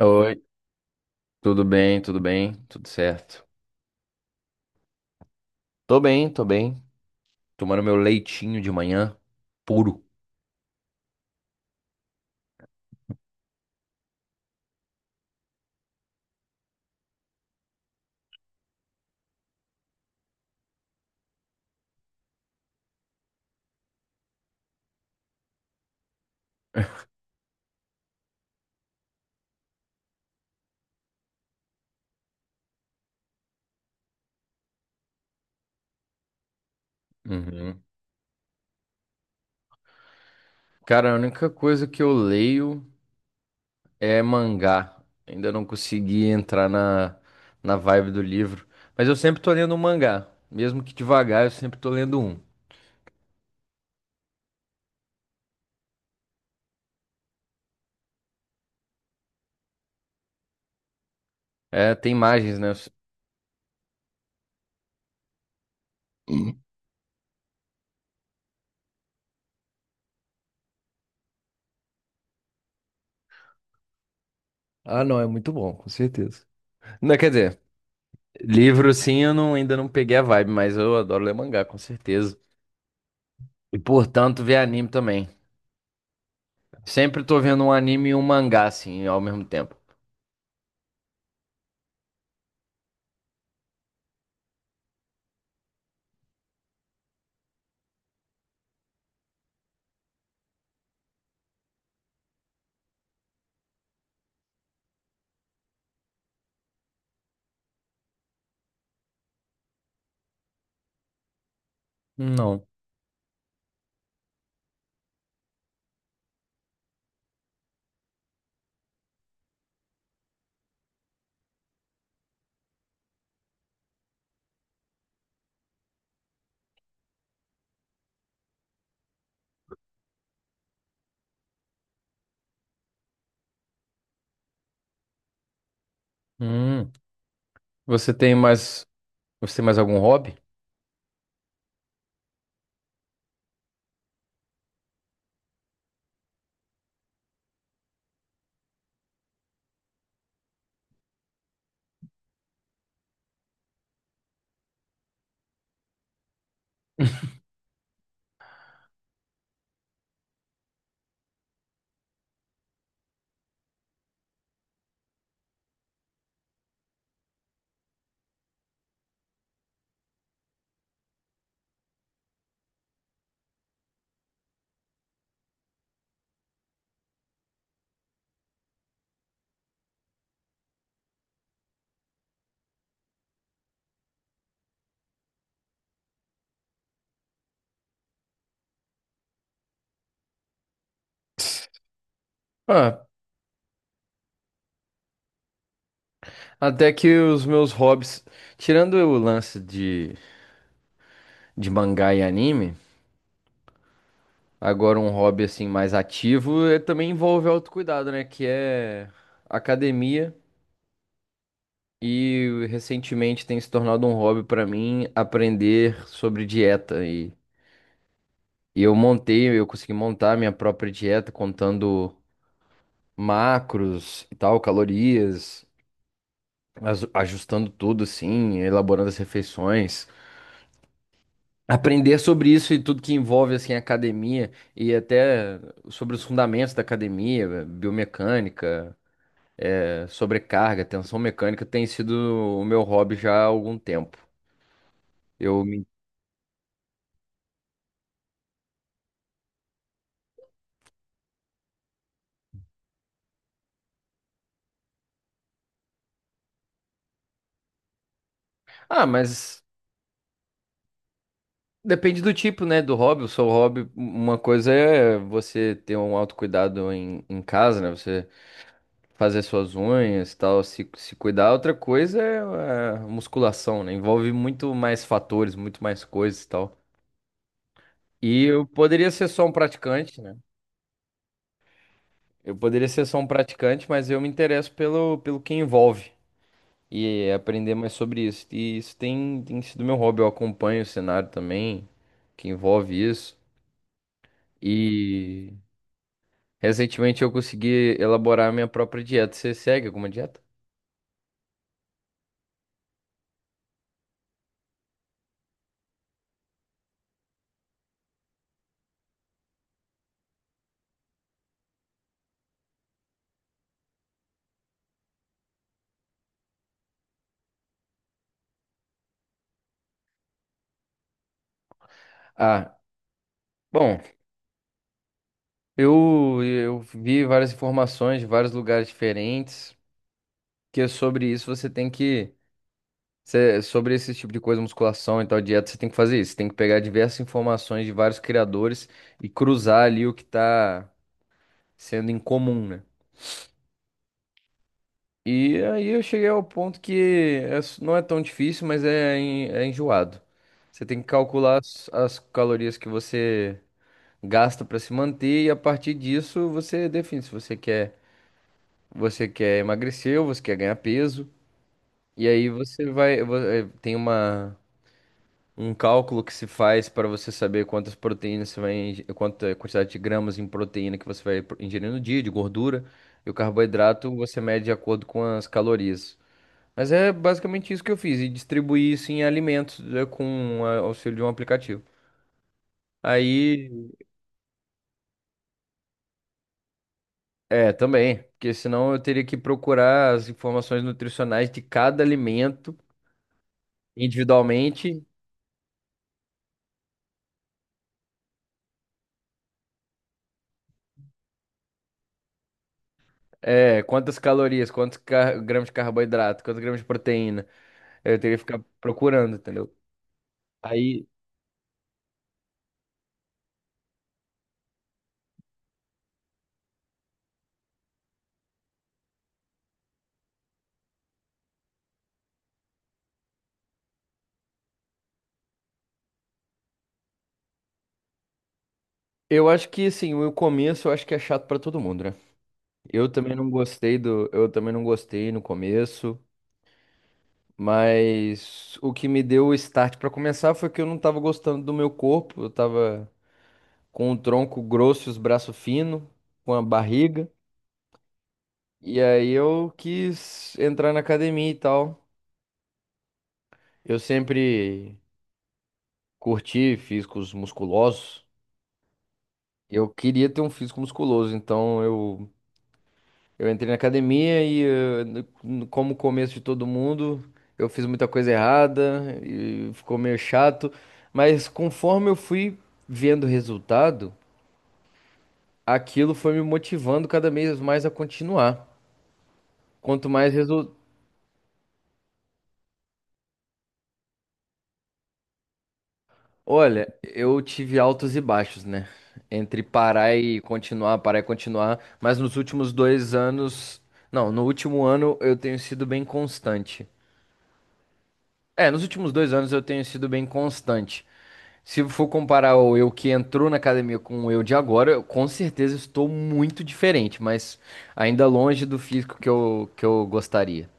Oi, tudo bem, tudo bem, tudo certo. Tô bem, tô bem. Tomando meu leitinho de manhã, puro. Uhum. Cara, a única coisa que eu leio é mangá. Ainda não consegui entrar na vibe do livro. Mas eu sempre tô lendo um mangá. Mesmo que devagar, eu sempre tô lendo um. É, tem imagens, né? Ah, não, é muito bom, com certeza. Não, quer dizer, livro sim, eu não, ainda não peguei a vibe, mas eu adoro ler mangá, com certeza. E portanto, ver anime também. Sempre tô vendo um anime e um mangá, assim, ao mesmo tempo. Não. Hum. Você tem mais. Você tem mais algum hobby? Ah, até que os meus hobbies. Tirando o lance de mangá e anime, agora um hobby assim mais ativo é, também envolve autocuidado, né? Que é academia. E recentemente tem se tornado um hobby pra mim aprender sobre dieta. E eu consegui montar minha própria dieta contando macros e tal, calorias, ajustando tudo assim, elaborando as refeições. Aprender sobre isso e tudo que envolve assim a academia e até sobre os fundamentos da academia, biomecânica, sobrecarga, tensão mecânica tem sido o meu hobby já há algum tempo. Eu me... Ah, mas depende do tipo, né, do hobby. O seu hobby, uma coisa é você ter um autocuidado em casa, né? Você fazer suas unhas, tal, se cuidar. Outra coisa é a musculação, né? Envolve muito mais fatores, muito mais coisas e tal. E eu poderia ser só um praticante, né? Eu poderia ser só um praticante, mas eu me interesso pelo que envolve e aprender mais sobre isso. E isso tem sido meu hobby. Eu acompanho o cenário também, que envolve isso. E recentemente eu consegui elaborar a minha própria dieta. Você segue alguma dieta? Ah, bom. Eu vi várias informações de vários lugares diferentes, que é sobre isso você tem que, sobre esse tipo de coisa, musculação e tal, dieta, você tem que fazer isso. Você tem que pegar diversas informações de vários criadores e cruzar ali o que está sendo em comum, né? E aí eu cheguei ao ponto que é não é tão difícil, mas é, é enjoado. Você tem que calcular as calorias que você gasta para se manter e a partir disso você define se você quer. Você quer emagrecer ou você quer ganhar peso. E aí você vai. Vo- eh, Tem um cálculo que se faz para você saber quantas proteínas você vai. Quanta quantidade de gramas em proteína que você vai ingerir no dia, de gordura. E o carboidrato você mede de acordo com as calorias. Mas é basicamente isso que eu fiz. E distribuí isso em alimentos, com auxílio de um aplicativo. Aí. É, também. Porque senão eu teria que procurar as informações nutricionais de cada alimento individualmente. É, quantas calorias, quantos gramas de carboidrato, quantos gramas de proteína. Eu teria que ficar procurando, entendeu? Aí, eu acho que, assim, o começo eu acho que é chato pra todo mundo, né? Eu também não gostei no começo, mas o que me deu o start pra começar foi que eu não tava gostando do meu corpo, eu tava com o tronco grosso e os braços finos, com a barriga, e aí eu quis entrar na academia e tal. Eu sempre curti físicos musculosos. Eu queria ter um físico musculoso, então eu entrei na academia e, como o começo de todo mundo, eu fiz muita coisa errada e ficou meio chato. Mas conforme eu fui vendo resultado, aquilo foi me motivando cada vez mais a continuar. Quanto mais resultado. Olha, eu tive altos e baixos, né? Entre parar e continuar, parar e continuar. Mas nos últimos 2 anos. Não, no último ano eu tenho sido bem constante. É, nos últimos 2 anos eu tenho sido bem constante. Se for comparar o eu que entrou na academia com o eu de agora, eu com certeza estou muito diferente, mas ainda longe do físico que eu gostaria.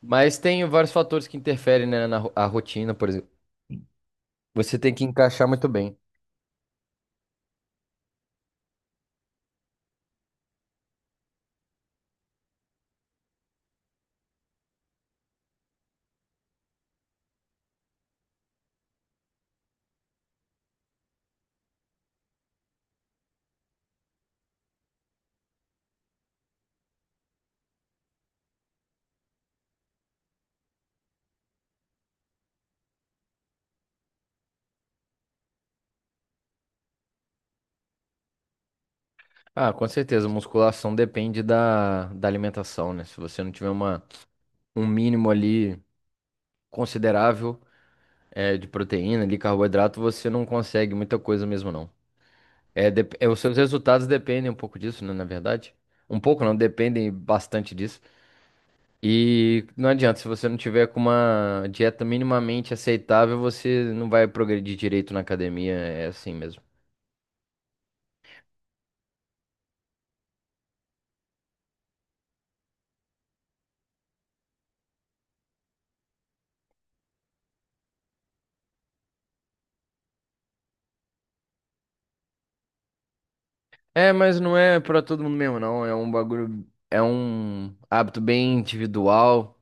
Mas tem vários fatores que interferem, né, a rotina, por exemplo. Você tem que encaixar muito bem. Ah, com certeza, musculação depende da alimentação, né? Se você não tiver um mínimo ali considerável, de proteína, de carboidrato, você não consegue muita coisa mesmo, não. É, os seus resultados dependem um pouco disso, né, na verdade. Um pouco não, dependem bastante disso. E não adianta, se você não tiver com uma dieta minimamente aceitável, você não vai progredir direito na academia, é assim mesmo. É, mas não é pra todo mundo mesmo, não. É um bagulho, é um hábito bem individual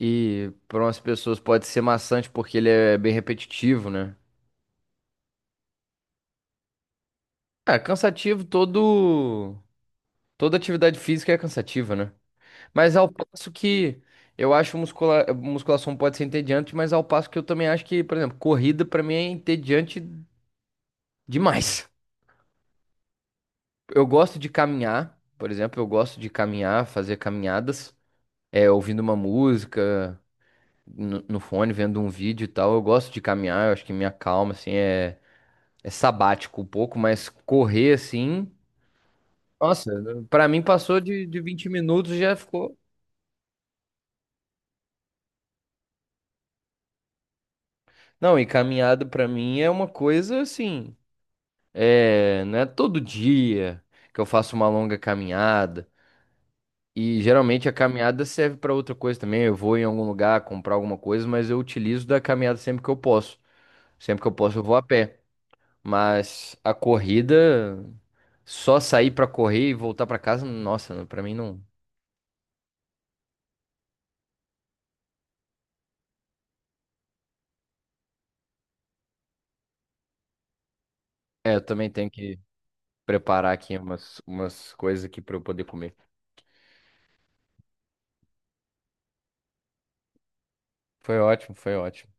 e para umas pessoas pode ser maçante porque ele é bem repetitivo, né? É, cansativo, todo toda atividade física é cansativa, né? Mas ao passo que eu acho musculação pode ser entediante, mas ao passo que eu também acho que, por exemplo, corrida pra mim é entediante demais. Eu gosto de caminhar, por exemplo, eu gosto de caminhar, fazer caminhadas, é, ouvindo uma música no fone, vendo um vídeo e tal. Eu gosto de caminhar, eu acho que me acalma, assim, é, é sabático um pouco, mas correr assim, nossa, pra mim passou de 20 minutos já ficou. Não, e caminhada pra mim é uma coisa assim. É, não é todo dia que eu faço uma longa caminhada. E geralmente a caminhada serve para outra coisa também. Eu vou em algum lugar comprar alguma coisa, mas eu utilizo da caminhada sempre que eu posso. Sempre que eu posso, eu vou a pé. Mas a corrida, só sair para correr e voltar para casa, nossa, para mim não. É, eu também tenho que preparar aqui umas coisas aqui para eu poder comer. Foi ótimo, foi ótimo.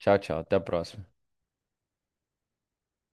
Tchau, tchau. Até a próxima.